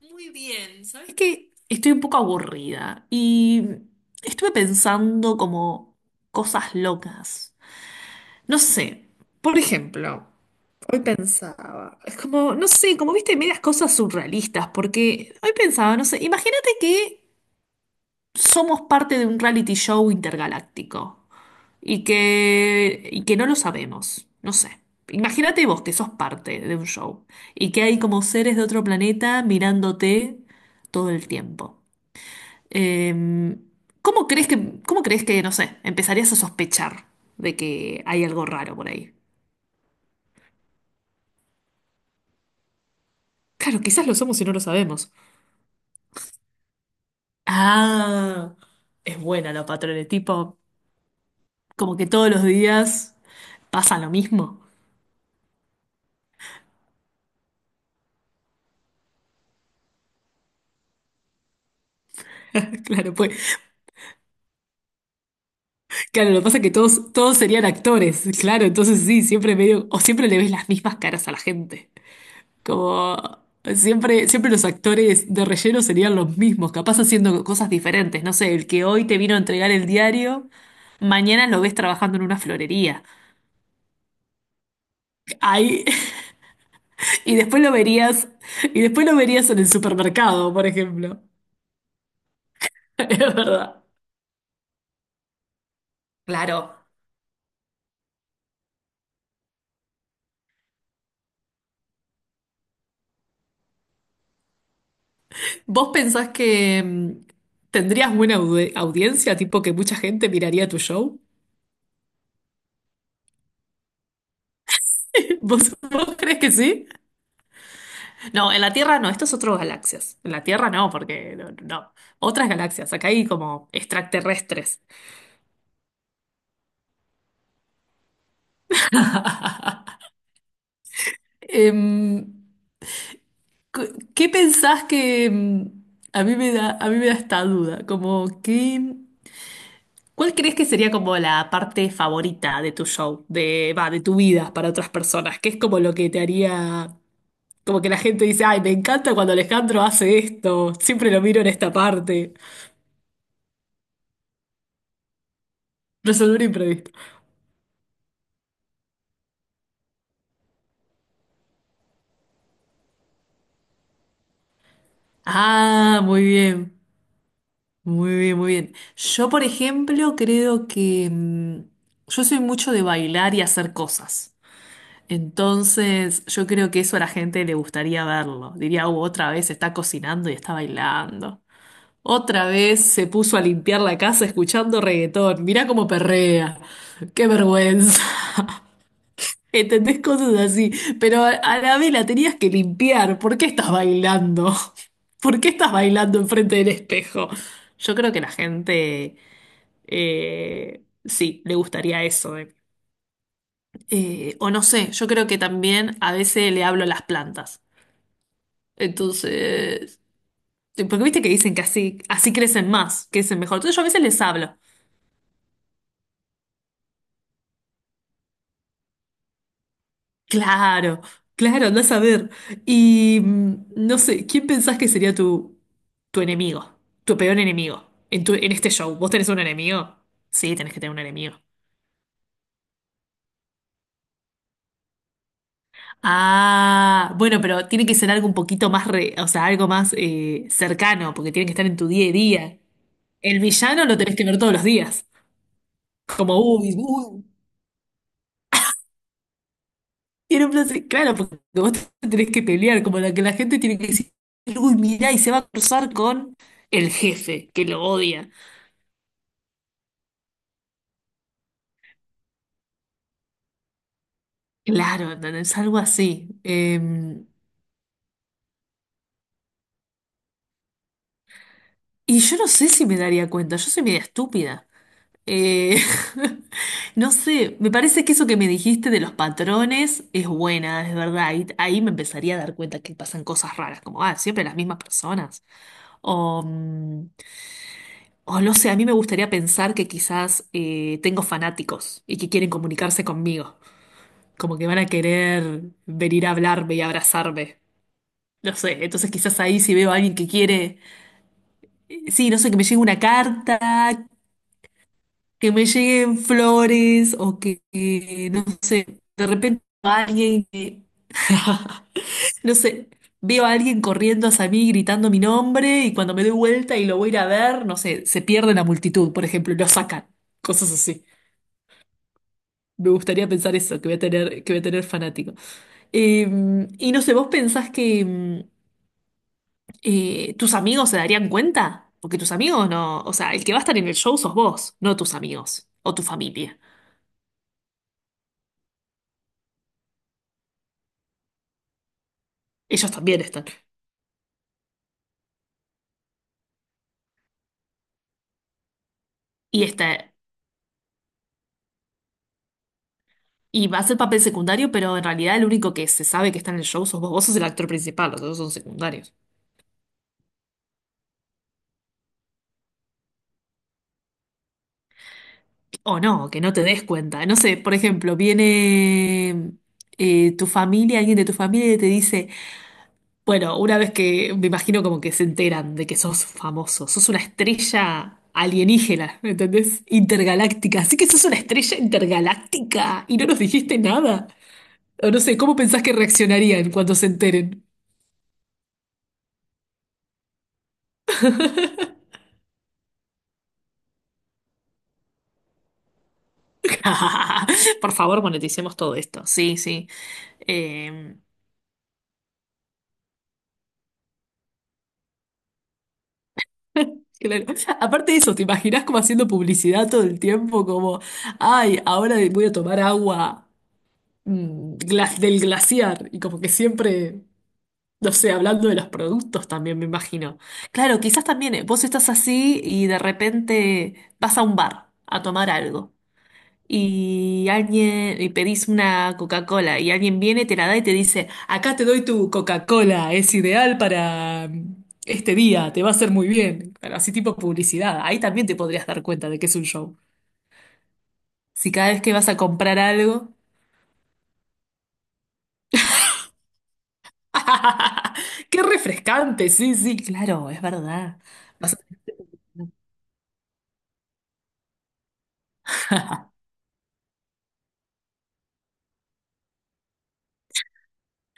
Muy bien, ¿sabes qué? Estoy un poco aburrida y estuve pensando como cosas locas. No sé, por ejemplo, hoy pensaba, es como, no sé, como viste, medias cosas surrealistas, porque hoy pensaba, no sé, imagínate que somos parte de un reality show intergaláctico y que no lo sabemos, no sé. Imagínate vos que sos parte de un show y que hay como seres de otro planeta mirándote todo el tiempo. Eh, cómo crees que, no sé, empezarías a sospechar de que hay algo raro por ahí? Claro, quizás lo somos y no lo sabemos. Ah, es buena la patrona, tipo, como que todos los días pasa lo mismo. Claro, pues claro, lo que pasa es que todos serían actores, claro, entonces sí, siempre medio, o siempre le ves las mismas caras a la gente. Como siempre los actores de relleno serían los mismos, capaz haciendo cosas diferentes. No sé, el que hoy te vino a entregar el diario, mañana lo ves trabajando en una florería. Ahí, y después lo verías, y después lo verías en el supermercado, por ejemplo. Es verdad. Claro. ¿Vos pensás que tendrías buena audiencia, tipo que mucha gente miraría tu show? ¿Vos crees que sí? No, en la Tierra no, esto es otro galaxias. En la Tierra no, porque no, no. Otras galaxias, acá hay como extraterrestres. Em, ¿qué qué pensás que a mí me da, a mí me da esta duda? Como que, ¿cuál crees que sería como la parte favorita de tu show, de, va, de tu vida para otras personas? ¿Qué es como lo que te haría, como que la gente dice, ay, me encanta cuando Alejandro hace esto, siempre lo miro en esta parte? Resolver imprevistos. Ah, muy bien, muy bien, muy bien. Yo, por ejemplo, creo que yo soy mucho de bailar y hacer cosas. Entonces, yo creo que eso a la gente le gustaría verlo. Diría: otra vez está cocinando y está bailando. Otra vez se puso a limpiar la casa escuchando reggaetón. Mirá cómo perrea. Qué vergüenza. ¿Entendés?" Cosas así. Pero a la vez la tenías que limpiar. ¿Por qué estás bailando? ¿Por qué estás bailando enfrente del espejo? Yo creo que la gente, sí, le gustaría eso. O no sé, yo creo que también a veces le hablo a las plantas. Entonces, porque viste que dicen que así crecen más, crecen mejor. Entonces yo a veces les hablo. Claro, claro, andás a ver. Y no sé, ¿quién pensás que sería tu, tu enemigo? Tu peor enemigo en, en este show. ¿Vos tenés un enemigo? Sí, tenés que tener un enemigo. Ah, bueno, pero tiene que ser algo un poquito más, o sea, algo más cercano, porque tiene que estar en tu día a día. El villano lo tenés que ver todos los días. Como, uy, uy, tiene un Claro, porque vos te tenés que pelear, como la que la gente tiene que decir, uy, mirá, y se va a cruzar con el jefe, que lo odia. Claro, no, no, es algo así. Y yo no sé si me daría cuenta, yo soy media estúpida. Eh, no sé, me parece que eso que me dijiste de los patrones es buena, es verdad. Ahí, ahí me empezaría a dar cuenta que pasan cosas raras, como, ah, siempre las mismas personas. O, o no sé, a mí me gustaría pensar que quizás tengo fanáticos y que quieren comunicarse conmigo, como que van a querer venir a hablarme y abrazarme. No sé, entonces quizás ahí si veo a alguien que quiere... Sí, no sé, que me llegue una carta, que me lleguen flores o que, no sé, de repente alguien que, no sé, veo a alguien corriendo hacia mí gritando mi nombre y cuando me doy vuelta y lo voy a ir a ver, no sé, se pierde en la multitud, por ejemplo, y lo sacan, cosas así. Me gustaría pensar eso, que voy a tener, que voy a tener fanático. Eh, y no sé, ¿vos pensás que, tus amigos se darían cuenta? Porque tus amigos no, o sea, el que va a estar en el show sos vos, no tus amigos o tu familia. Ellos también están. Y está, y va a ser papel secundario, pero en realidad el único que se sabe que está en el show sos vos. Vos sos el actor principal, los otros son secundarios. O no, que no te des cuenta. No sé, por ejemplo, viene tu familia, alguien de tu familia y te dice. Bueno, una vez que me imagino como que se enteran de que sos famoso, sos una estrella alienígena, ¿me ¿entendés? Intergaláctica, así que sos una estrella intergaláctica y no nos dijiste nada. O no sé, ¿cómo pensás que reaccionarían cuando se enteren? Por favor, moneticemos todo esto. Sí, sí. Eh, claro. Aparte de eso, ¿te imaginás como haciendo publicidad todo el tiempo? Como, ay, ahora voy a tomar agua del glaciar y como que siempre... No sé, hablando de los productos también, me imagino. Claro, quizás también vos estás así y de repente vas a un bar a tomar algo y alguien y pedís una Coca-Cola y alguien viene, te la da y te dice, acá te doy tu Coca-Cola, es ideal para este día, te va a hacer muy bien. Pero así tipo publicidad, ahí también te podrías dar cuenta de que es un show. Si cada vez que vas a comprar algo... ¡Qué refrescante! Sí, sí, claro, es verdad. Vas a-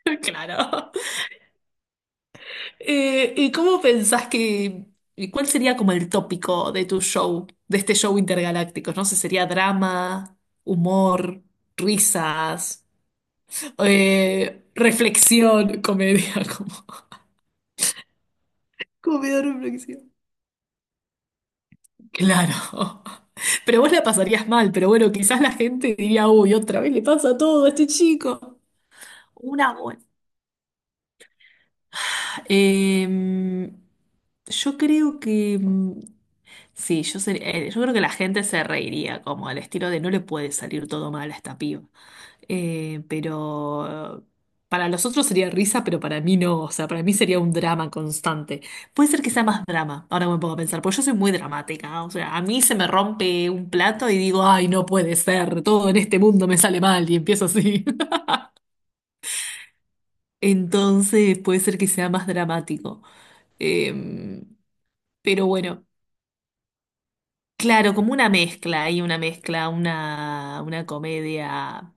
Claro. ¿Y cómo pensás que, y cuál sería como el tópico de tu show, de este show intergaláctico? No sé, sería drama, humor, risas, reflexión, comedia, como... comedia reflexión. Claro. Pero vos la pasarías mal, pero bueno, quizás la gente diría, uy, otra vez le pasa todo a este chico. Una buena. Eh, yo creo que. Sí, yo, yo creo que la gente se reiría, como al estilo de no le puede salir todo mal a esta piba. Pero para los otros sería risa, pero para mí no. O sea, para mí sería un drama constante. Puede ser que sea más drama, ahora me pongo a pensar, porque yo soy muy dramática. O sea, a mí se me rompe un plato y digo, ay, no puede ser, todo en este mundo me sale mal y empiezo así. Entonces puede ser que sea más dramático. Em, pero bueno. Claro, como una mezcla, hay una mezcla, una comedia,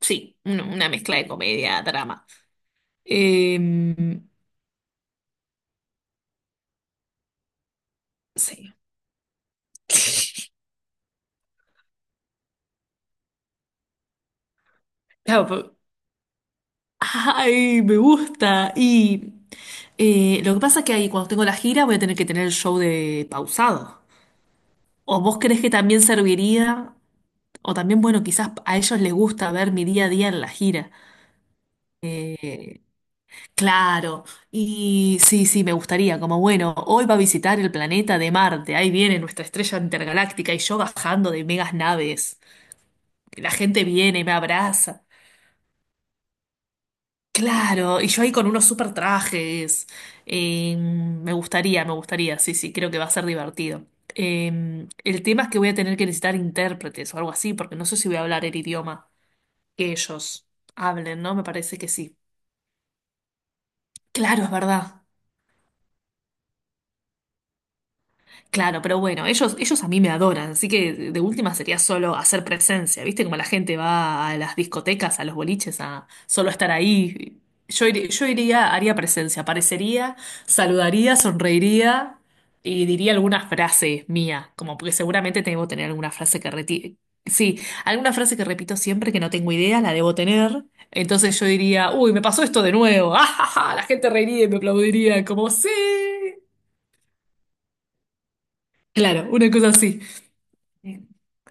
sí, una mezcla de comedia, drama. Em, sí, claro, ay, me gusta. Y lo que pasa es que ahí cuando tengo la gira voy a tener que tener el show de pausado. ¿O vos crees que también serviría? O también, bueno, quizás a ellos les gusta ver mi día a día en la gira. Eh, Claro, y sí, sí, me gustaría, como bueno, hoy va a visitar el planeta de Marte, ahí viene nuestra estrella intergaláctica y yo bajando de megas naves, la gente viene y me abraza, claro, y yo ahí con unos super trajes. Me gustaría, sí, sí, creo que va a ser divertido. El tema es que voy a tener que necesitar intérpretes o algo así, porque no sé si voy a hablar el idioma que ellos hablen, ¿no? Me parece que sí. Claro, es verdad. Claro, pero bueno, ellos a mí me adoran, así que de última sería solo hacer presencia, ¿viste? Como la gente va a las discotecas, a los boliches, a solo estar ahí. Yo, yo iría, haría presencia, aparecería, saludaría, sonreiría y diría alguna frase mía, como porque seguramente debo tener alguna frase que sí, alguna frase que repito siempre que no tengo idea, la debo tener. Entonces yo diría, uy, me pasó esto de nuevo, ¡ah, ja, ja! La gente reiría y me aplaudiría, como sí. Claro, una cosa así. Eh,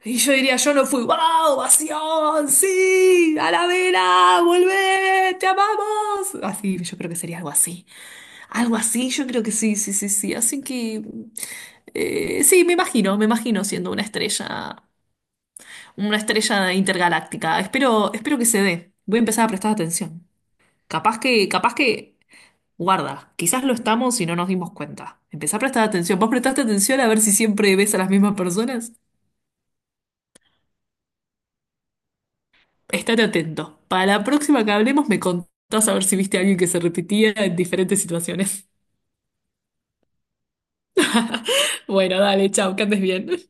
Y yo diría, yo no fui, ¡wow! ¡Ovación! ¡Sí! ¡A la vela! ¡Volvé! ¡Te amamos! Así, yo creo que sería algo así. Algo así, yo creo que sí, sí, sí, sí. Así que, sí, me imagino siendo una estrella intergaláctica. Espero, espero que se dé. Voy a empezar a prestar atención. Capaz que, guarda, quizás lo estamos y no nos dimos cuenta. Empezá a prestar atención. ¿Vos prestaste atención a ver si siempre ves a las mismas personas? Estate atento. Para la próxima que hablemos me contás a ver si viste a alguien que se repetía en diferentes situaciones. Bueno, dale, chao, que andes bien.